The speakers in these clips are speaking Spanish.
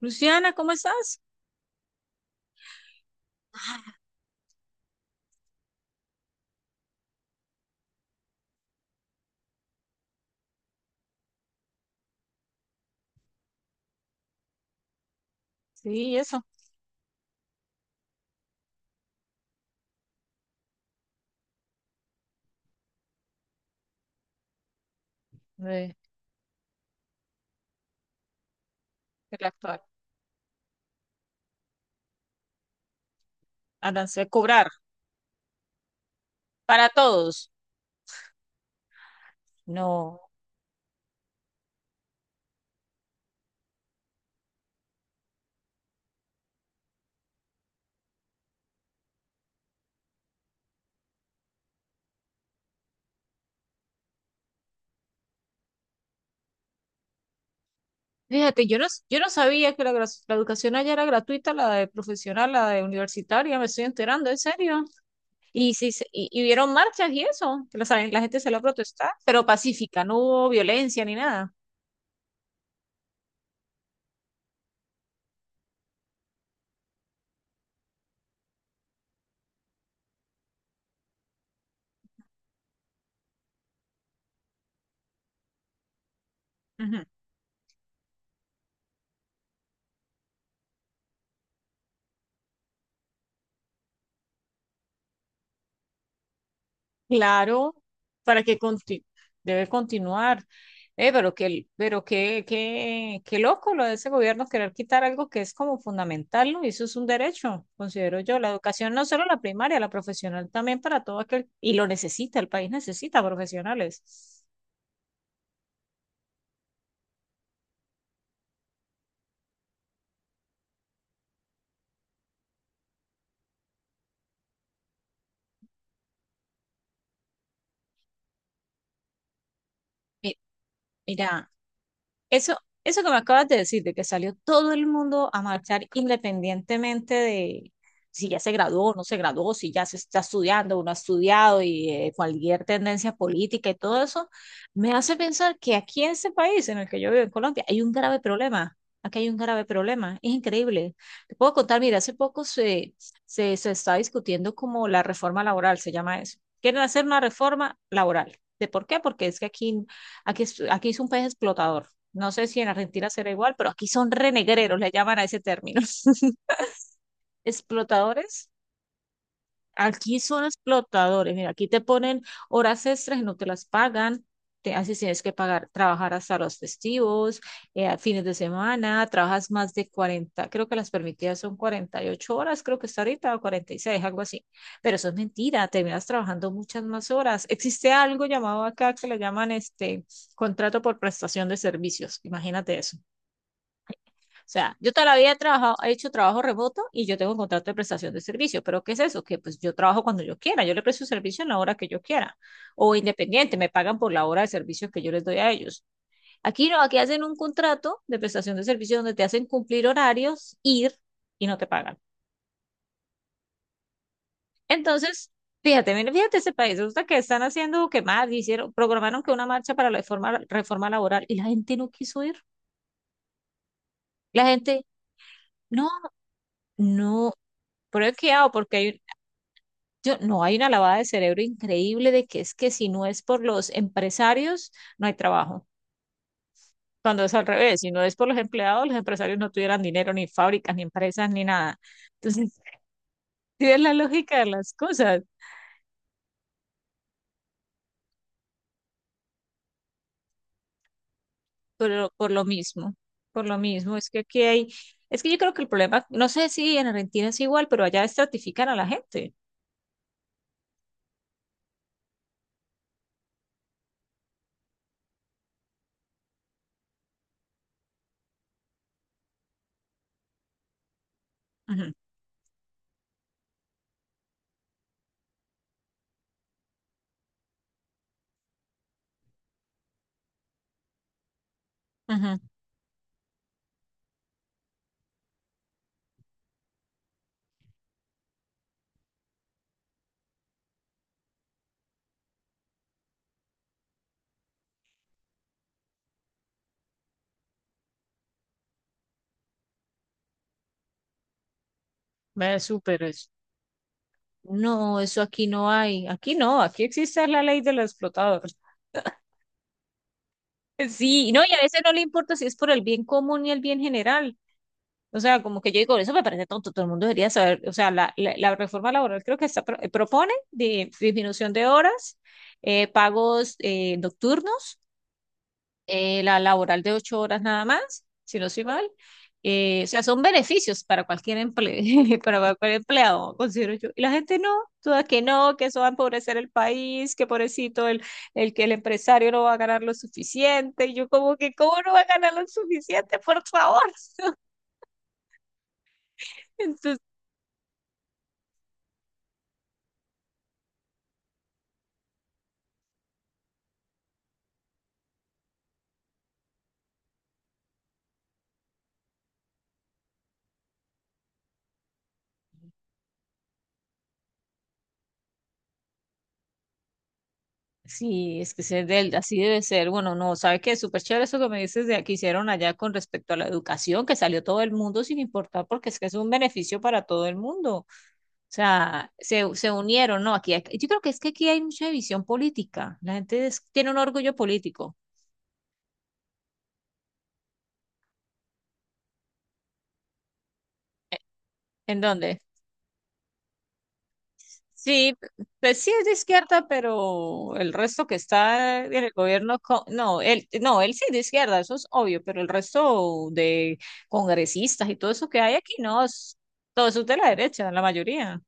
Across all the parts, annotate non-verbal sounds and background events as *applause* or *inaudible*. Luciana, ¿cómo estás? Ah, sí, eso, de, del actuar. Andarse a cobrar para todos. No. Fíjate, yo no sabía que la educación allá era gratuita, la de profesional, la de universitaria, me estoy enterando, en serio. Y, sí, y hubieron marchas y eso, que la gente se lo protestar, pero pacífica, no hubo violencia ni nada. Claro, para que conti- debe continuar. Pero qué loco lo de ese gobierno querer quitar algo que es como fundamental, ¿no? Y eso es un derecho, considero yo. La educación no solo la primaria, la profesional también para todo aquel, y lo necesita, el país necesita profesionales. Mi- Mira, Eso, eso que me acabas de decir, de que salió todo el mundo a marchar independientemente de si ya se graduó o no se graduó, si ya se está estudiando o no ha estudiado y cualquier tendencia política y todo eso, me hace pensar que aquí en este país en el que yo vivo, en Colombia, hay un grave problema. Aquí hay un grave problema. Es increíble. Te puedo contar, mira, hace poco se está discutiendo como la reforma laboral, se llama eso. Quieren hacer una reforma laboral. ¿De por qué? Porque es que aquí es un país explotador. No sé si en Argentina será igual, pero aquí son renegreros, le llaman a ese término. *laughs* Explotadores. Aquí son explotadores. Mira, aquí te ponen horas extras y no te las pagan. Te, así tienes que pagar, trabajar hasta los festivos, fines de semana, trabajas más de 40. Creo que las permitidas son 48 horas, creo que está ahorita, o 46, algo así. Pero eso es mentira, terminas trabajando muchas más horas. Existe algo llamado acá que le llaman este contrato por prestación de servicios. Imagínate eso. O sea, yo toda la vida he trabajado, he hecho trabajo remoto y yo tengo un contrato de prestación de servicio, pero ¿qué es eso? Que pues yo trabajo cuando yo quiera, yo le presto servicio en la hora que yo quiera, o independiente, me pagan por la hora de servicio que yo les doy a ellos. Aquí no, aquí hacen un contrato de prestación de servicio donde te hacen cumplir horarios, ir y no te pagan. Entonces, fíjate, mira, fíjate ese país, resulta que están haciendo que más, hicieron, programaron que una marcha para la reforma, reforma laboral y la gente no quiso ir. La gente, no, no, pero es que hago porque hay, yo, no hay una lavada de cerebro increíble de que es que si no es por los empresarios, no hay trabajo. Cuando es al revés, si no es por los empleados, los empresarios no tuvieran dinero, ni fábricas, ni empresas, ni nada. Entonces, *laughs* sí es la lógica de las cosas, pero por lo mismo, es que aquí hay, es que yo creo que el problema, no sé si en Argentina es igual, pero allá estratifican a la gente. Ujú, ujú. Ve súper eso. No, eso aquí no hay, aquí no, aquí existe la ley del explotador. Sí, no, y a veces no le importa si es por el bien común y el bien general. O sea, como que yo digo, eso me parece tonto, todo el mundo debería saber, o sea, la reforma laboral creo que está, propone de disminución de horas, pagos nocturnos, la laboral de 8 horas nada más, si no soy mal. O sea, son beneficios para cualquier emple- *laughs* para cualquier empleado, considero yo. Y la gente no, toda que no, que eso va a empobrecer el país, que pobrecito el que el empresario no va a ganar lo suficiente. Y yo como que, ¿cómo no va a ganar lo suficiente, por favor? *laughs* Entonces, sí, es que ser del, así debe ser. Bueno, no, ¿sabes qué? Súper chévere eso que me dices de que hicieron allá con respecto a la educación, que salió todo el mundo sin importar, porque es que es un beneficio para todo el mundo. O sea, se unieron, ¿no? Aquí hay- yo creo que es que aquí hay mucha división política. La gente es- tiene un orgullo político. ¿En dónde? Sí, pues sí es de izquierda, pero el resto que está en el gobierno, co- no, él, no, él sí es de izquierda, eso es obvio, pero el resto de congresistas y todo eso que hay aquí, no, es- todo eso es de la derecha, la mayoría.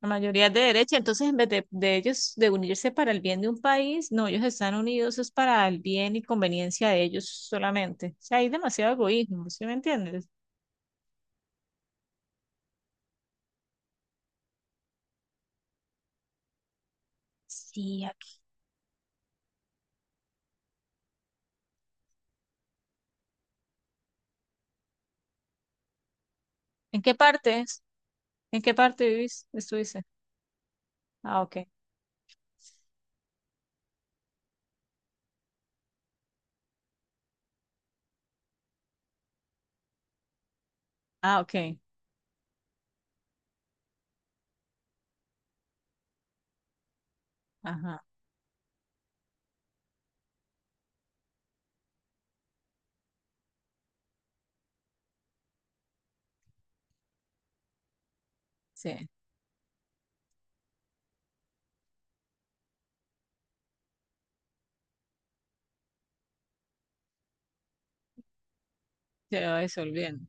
La mayoría es de derecha, entonces en vez de ellos de unirse para el bien de un país, no, ellos están unidos es para el bien y conveniencia de ellos solamente. O sea, hay demasiado egoísmo, ¿sí me entiendes? Sí, aquí. ¿En qué partes? ¿En qué parte vivís? Estuviste. Ah, ok. Ah, ok. Ajá. Sí, se va disolviendo.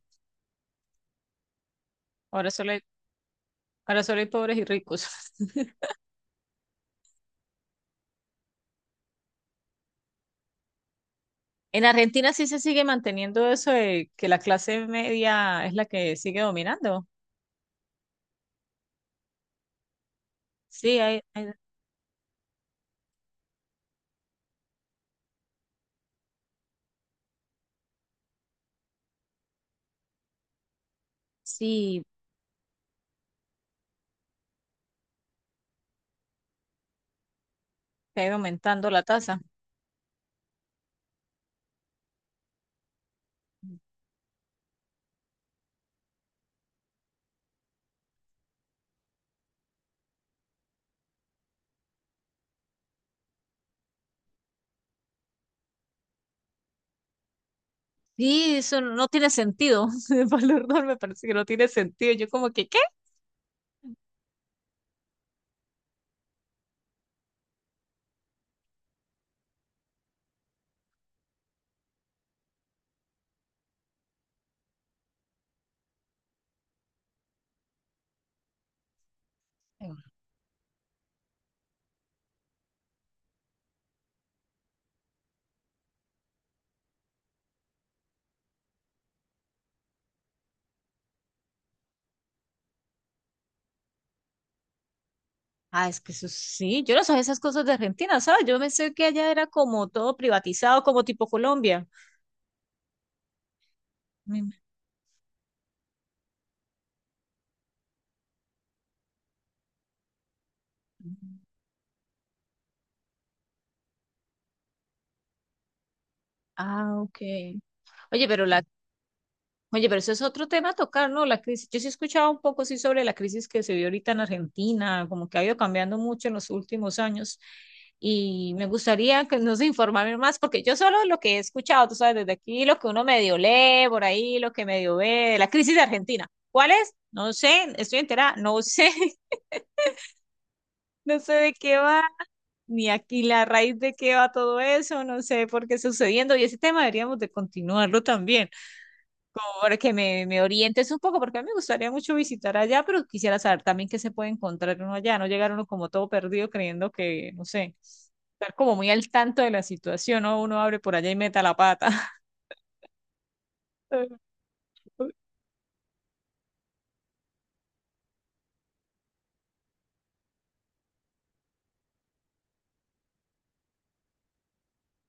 Ahora solo hay, ahora solo hay pobres y ricos. *laughs* En Argentina sí se sigue manteniendo eso de que la clase media es la que sigue dominando. Sí, sí, que ha ido aumentando la tasa. Sí, eso no tiene sentido. *laughs* El valor no me parece que no tiene sentido. Yo como que, ¿qué? Ah, es que eso sí, yo no sabía esas cosas de Argentina, ¿sabes? Yo pensé que allá era como todo privatizado, como tipo Colombia. Mm. Ah, ok. Oye, pero la... Oye, pero eso es otro tema a tocar, ¿no? La crisis. Yo sí he escuchado un poco sí sobre la crisis que se vio ahorita en Argentina, como que ha ido cambiando mucho en los últimos años. Y me gustaría que nos informaran más, porque yo solo lo que he escuchado, tú sabes, desde aquí, lo que uno medio lee por ahí, lo que medio ve, la crisis de Argentina. ¿Cuál es? No sé, estoy enterada, no sé, *laughs* no sé de qué va, ni aquí la raíz de qué va todo eso, no sé por qué está sucediendo. Y ese tema deberíamos de continuarlo también favor, que me orientes un poco, porque a mí me gustaría mucho visitar allá, pero quisiera saber también qué se puede encontrar uno allá, no llegar uno como todo perdido creyendo que, no sé, estar como muy al tanto de la situación, ¿no? Uno abre por allá y meta la pata. *laughs*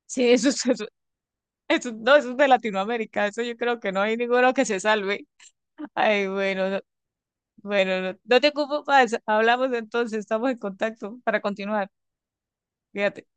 Sí, eso es, eso- no, eso es de Latinoamérica, eso yo creo que no hay ninguno que se salve. Ay, bueno, no- bueno, no, no te ocupo más, hablamos entonces, estamos en contacto para continuar, fíjate.